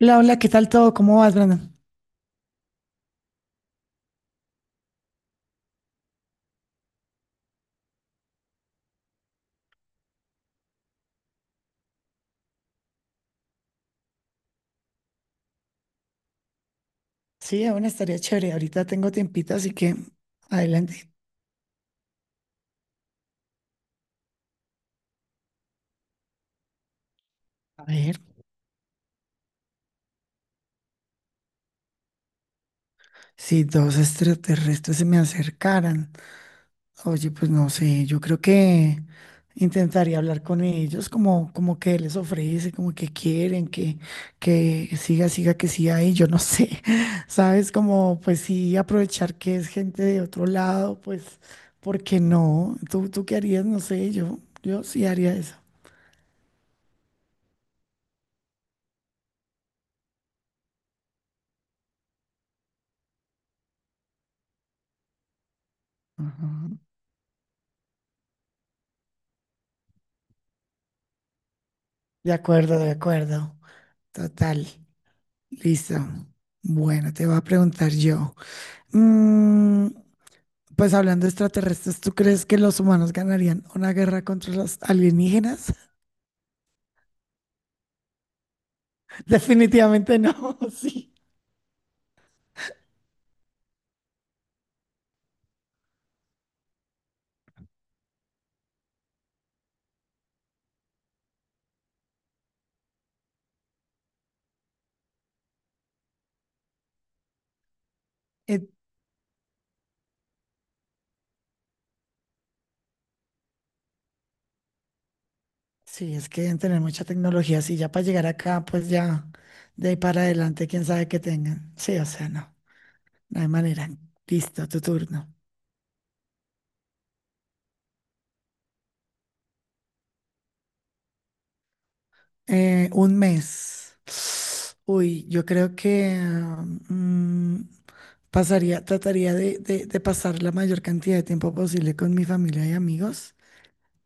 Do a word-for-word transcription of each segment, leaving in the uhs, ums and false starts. Hola, hola, ¿qué tal todo? ¿Cómo vas, Brandon? Sí, aún estaría chévere. Ahorita tengo tiempita, así que adelante. A ver, si dos extraterrestres se me acercaran. Oye, pues no sé, yo creo que intentaría hablar con ellos, como, como que les ofrece, como que quieren, que, que siga, siga, que siga ahí, yo no sé, ¿sabes? Como pues sí, aprovechar que es gente de otro lado, pues, ¿por qué no? ¿Tú, tú ¿qué harías? No sé, yo, yo sí haría eso. Ajá. De acuerdo, de acuerdo. Total. Listo. Bueno, te voy a preguntar yo. Mm, pues hablando de extraterrestres, ¿tú crees que los humanos ganarían una guerra contra los alienígenas? Definitivamente no, sí. Eh, sí, es que deben tener mucha tecnología. Sí, ya para llegar acá, pues ya de ahí para adelante, quién sabe qué tengan. Sí, o sea, no, no hay manera. Listo, tu turno. Eh, un mes. Uy, yo creo que mm, pasaría, trataría de, de- de pasar la mayor cantidad de tiempo posible con mi familia y amigos.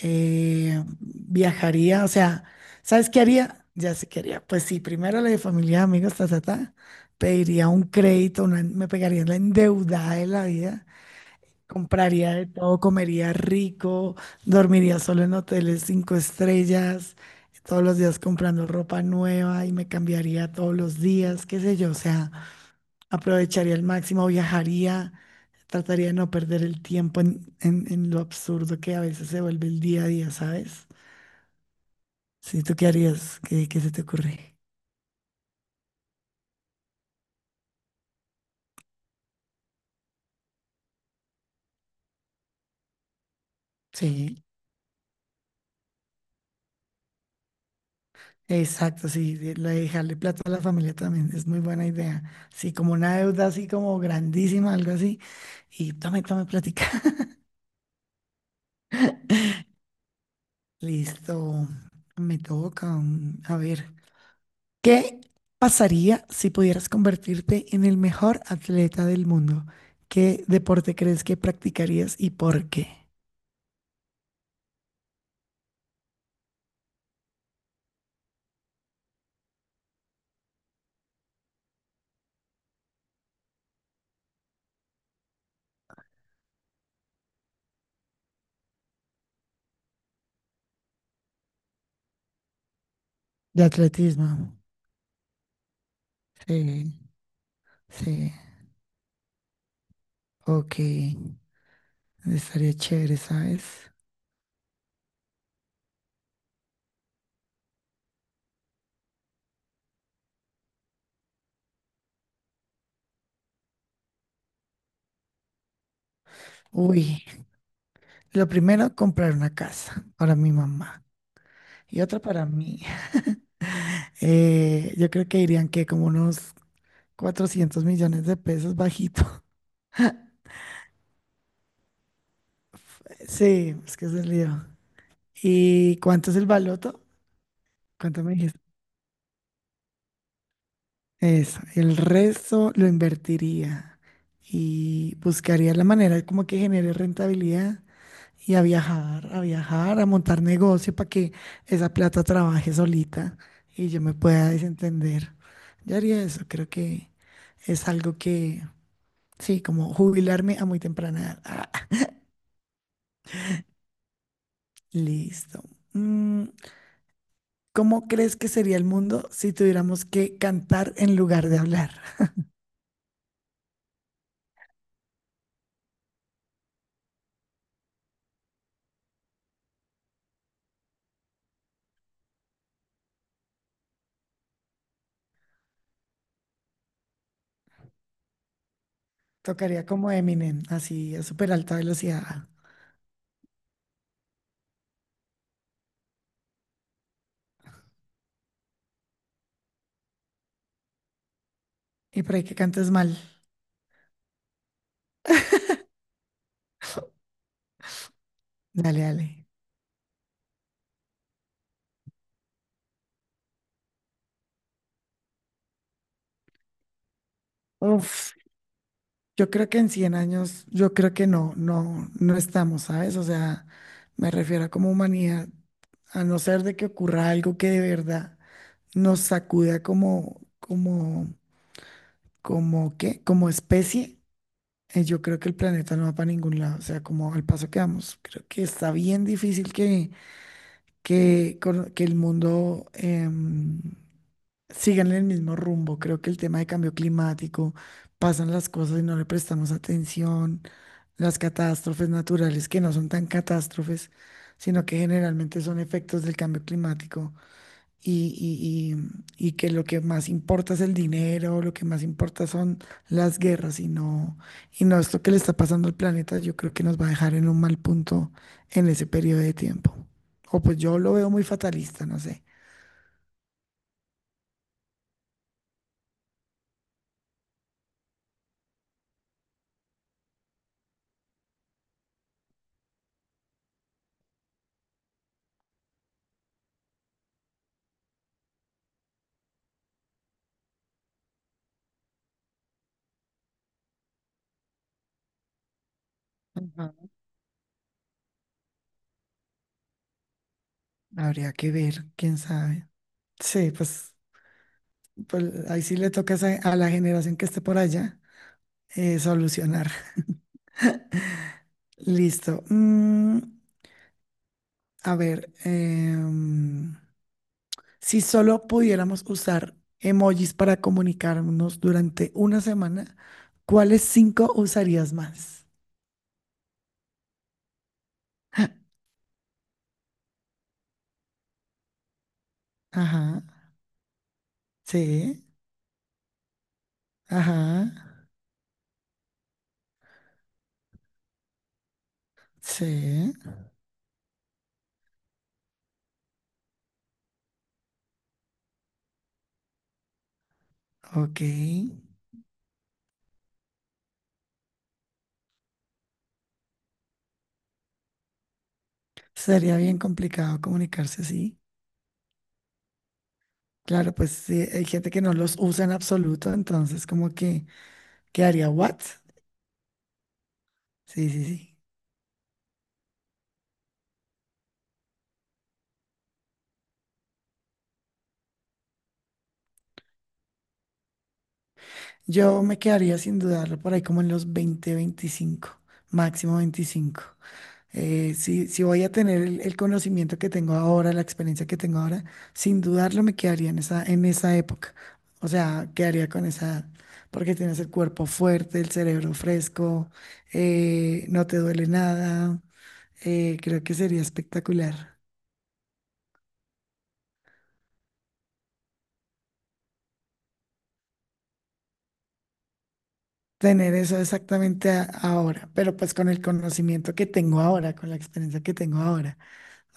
Eh, viajaría, o sea, ¿sabes qué haría? Ya sé qué haría. Pues sí, primero la de familia, amigos, ta, ta, ta. Pediría un crédito, una- me pegaría la endeudada de la vida. Compraría de todo, comería rico, dormiría solo en hoteles cinco estrellas, todos los días comprando ropa nueva y me cambiaría todos los días, qué sé yo, o sea, aprovecharía al máximo, viajaría, trataría de no perder el tiempo en, en- en lo absurdo que a veces se vuelve el día a día, ¿sabes? Sí, ¿tú qué harías? ¿Qué, qué se te ocurre? Sí. Exacto, sí, de- la de dejarle plata a la familia también es muy buena idea. Sí, como una deuda así como grandísima, algo así. Y tome, tome plática. Listo, me toca. mm, A ver, ¿qué pasaría si pudieras convertirte en el mejor atleta del mundo? ¿Qué deporte crees que practicarías y por qué? De atletismo. Sí, sí. Ok, estaría chévere, ¿sabes? Uy, lo primero, comprar una casa para mi mamá. Y otra para mí. Eh, yo creo que dirían que como unos cuatrocientos millones de pesos bajito. Sí, es que es el lío. ¿Y cuánto es el baloto? ¿Cuánto me dijiste? Eso. El resto lo invertiría y buscaría la manera como que genere rentabilidad y a viajar, a viajar, a montar negocio para que esa plata trabaje solita y yo me pueda desentender. Yo haría eso. Creo que es algo que sí, como jubilarme a muy temprana edad. Ah, listo. Mm, ¿cómo crees que sería el mundo si tuviéramos que cantar en lugar de hablar? Tocaría como Eminem, así a súper alta velocidad. Y por ahí que cantes mal. Dale, dale. Uf, yo creo que en cien años, yo creo que no, no, no estamos, ¿sabes? O sea, me refiero a como humanidad, a no ser de que ocurra algo que de verdad nos sacuda como, como, como, ¿qué? Como especie. Eh, yo creo que el planeta no va para ningún lado. O sea, como al paso que vamos, creo que está bien difícil que, que, cor- que el mundo em, siga en el mismo rumbo. Creo que el tema de cambio climático, pasan las cosas y no le prestamos atención. Las catástrofes naturales, que no son tan catástrofes, sino que generalmente son efectos del cambio climático y, y- y- y que lo que más importa es el dinero, lo que más importa son las guerras y no, y no esto que le está pasando al planeta, yo creo que nos va a dejar en un mal punto en ese periodo de tiempo. O pues yo lo veo muy fatalista, no sé. Ujú. Habría que ver, quién sabe. Sí, pues, pues ahí sí le toca esa- a a la generación que esté por allá eh, solucionar. Listo. Mm, a ver, em, si solo pudiéramos usar emojis para comunicarnos durante una semana, ¿cuáles cinco usarías más? Ajá, sí, ajá, sí, ok. Sería bien complicado comunicarse así. Claro, pues sí, hay gente que no los usa en absoluto, entonces como que quedaría what? Sí, sí, sí. Yo me quedaría sin dudarlo por ahí como en los veinte, veinticinco, máximo veinticinco. Eh, si, si voy a tener el, el conocimiento que tengo ahora, la experiencia que tengo ahora, sin dudarlo me quedaría en esa, en esa época. O sea, quedaría con esa edad, porque tienes el cuerpo fuerte, el cerebro fresco, eh, no te duele nada. Eh, creo que sería espectacular tener eso exactamente a- ahora, pero pues con el conocimiento que tengo ahora, con la experiencia que tengo ahora.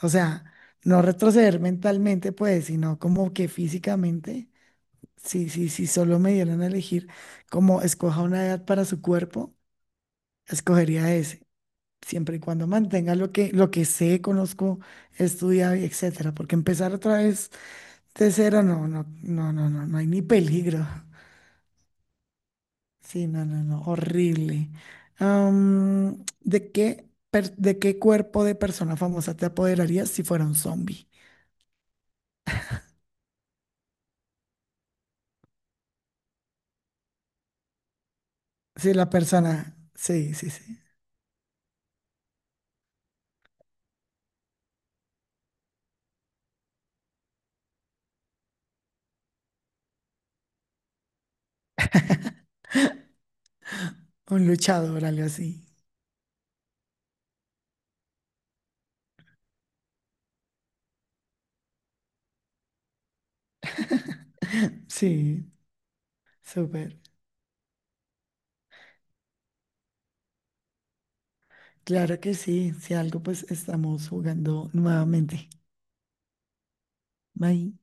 O sea, no retroceder mentalmente, pues, sino como que físicamente. Sí, sí, sí, solo me dieran a elegir como escoja una edad para su cuerpo, escogería ese, siempre y cuando mantenga lo que, lo que sé, conozco, he estudiado y etcétera, porque empezar otra vez de cero, no, no, no, no, no, no hay ni peligro. Sí, no, no, no, horrible. Am, ¿de qué, per- ¿de qué cuerpo de persona famosa te apoderarías si fuera un zombie? Si la persona, sí, sí, sí, un luchador, algo así. Sí, súper. Claro que sí, si algo pues estamos jugando nuevamente. Bye.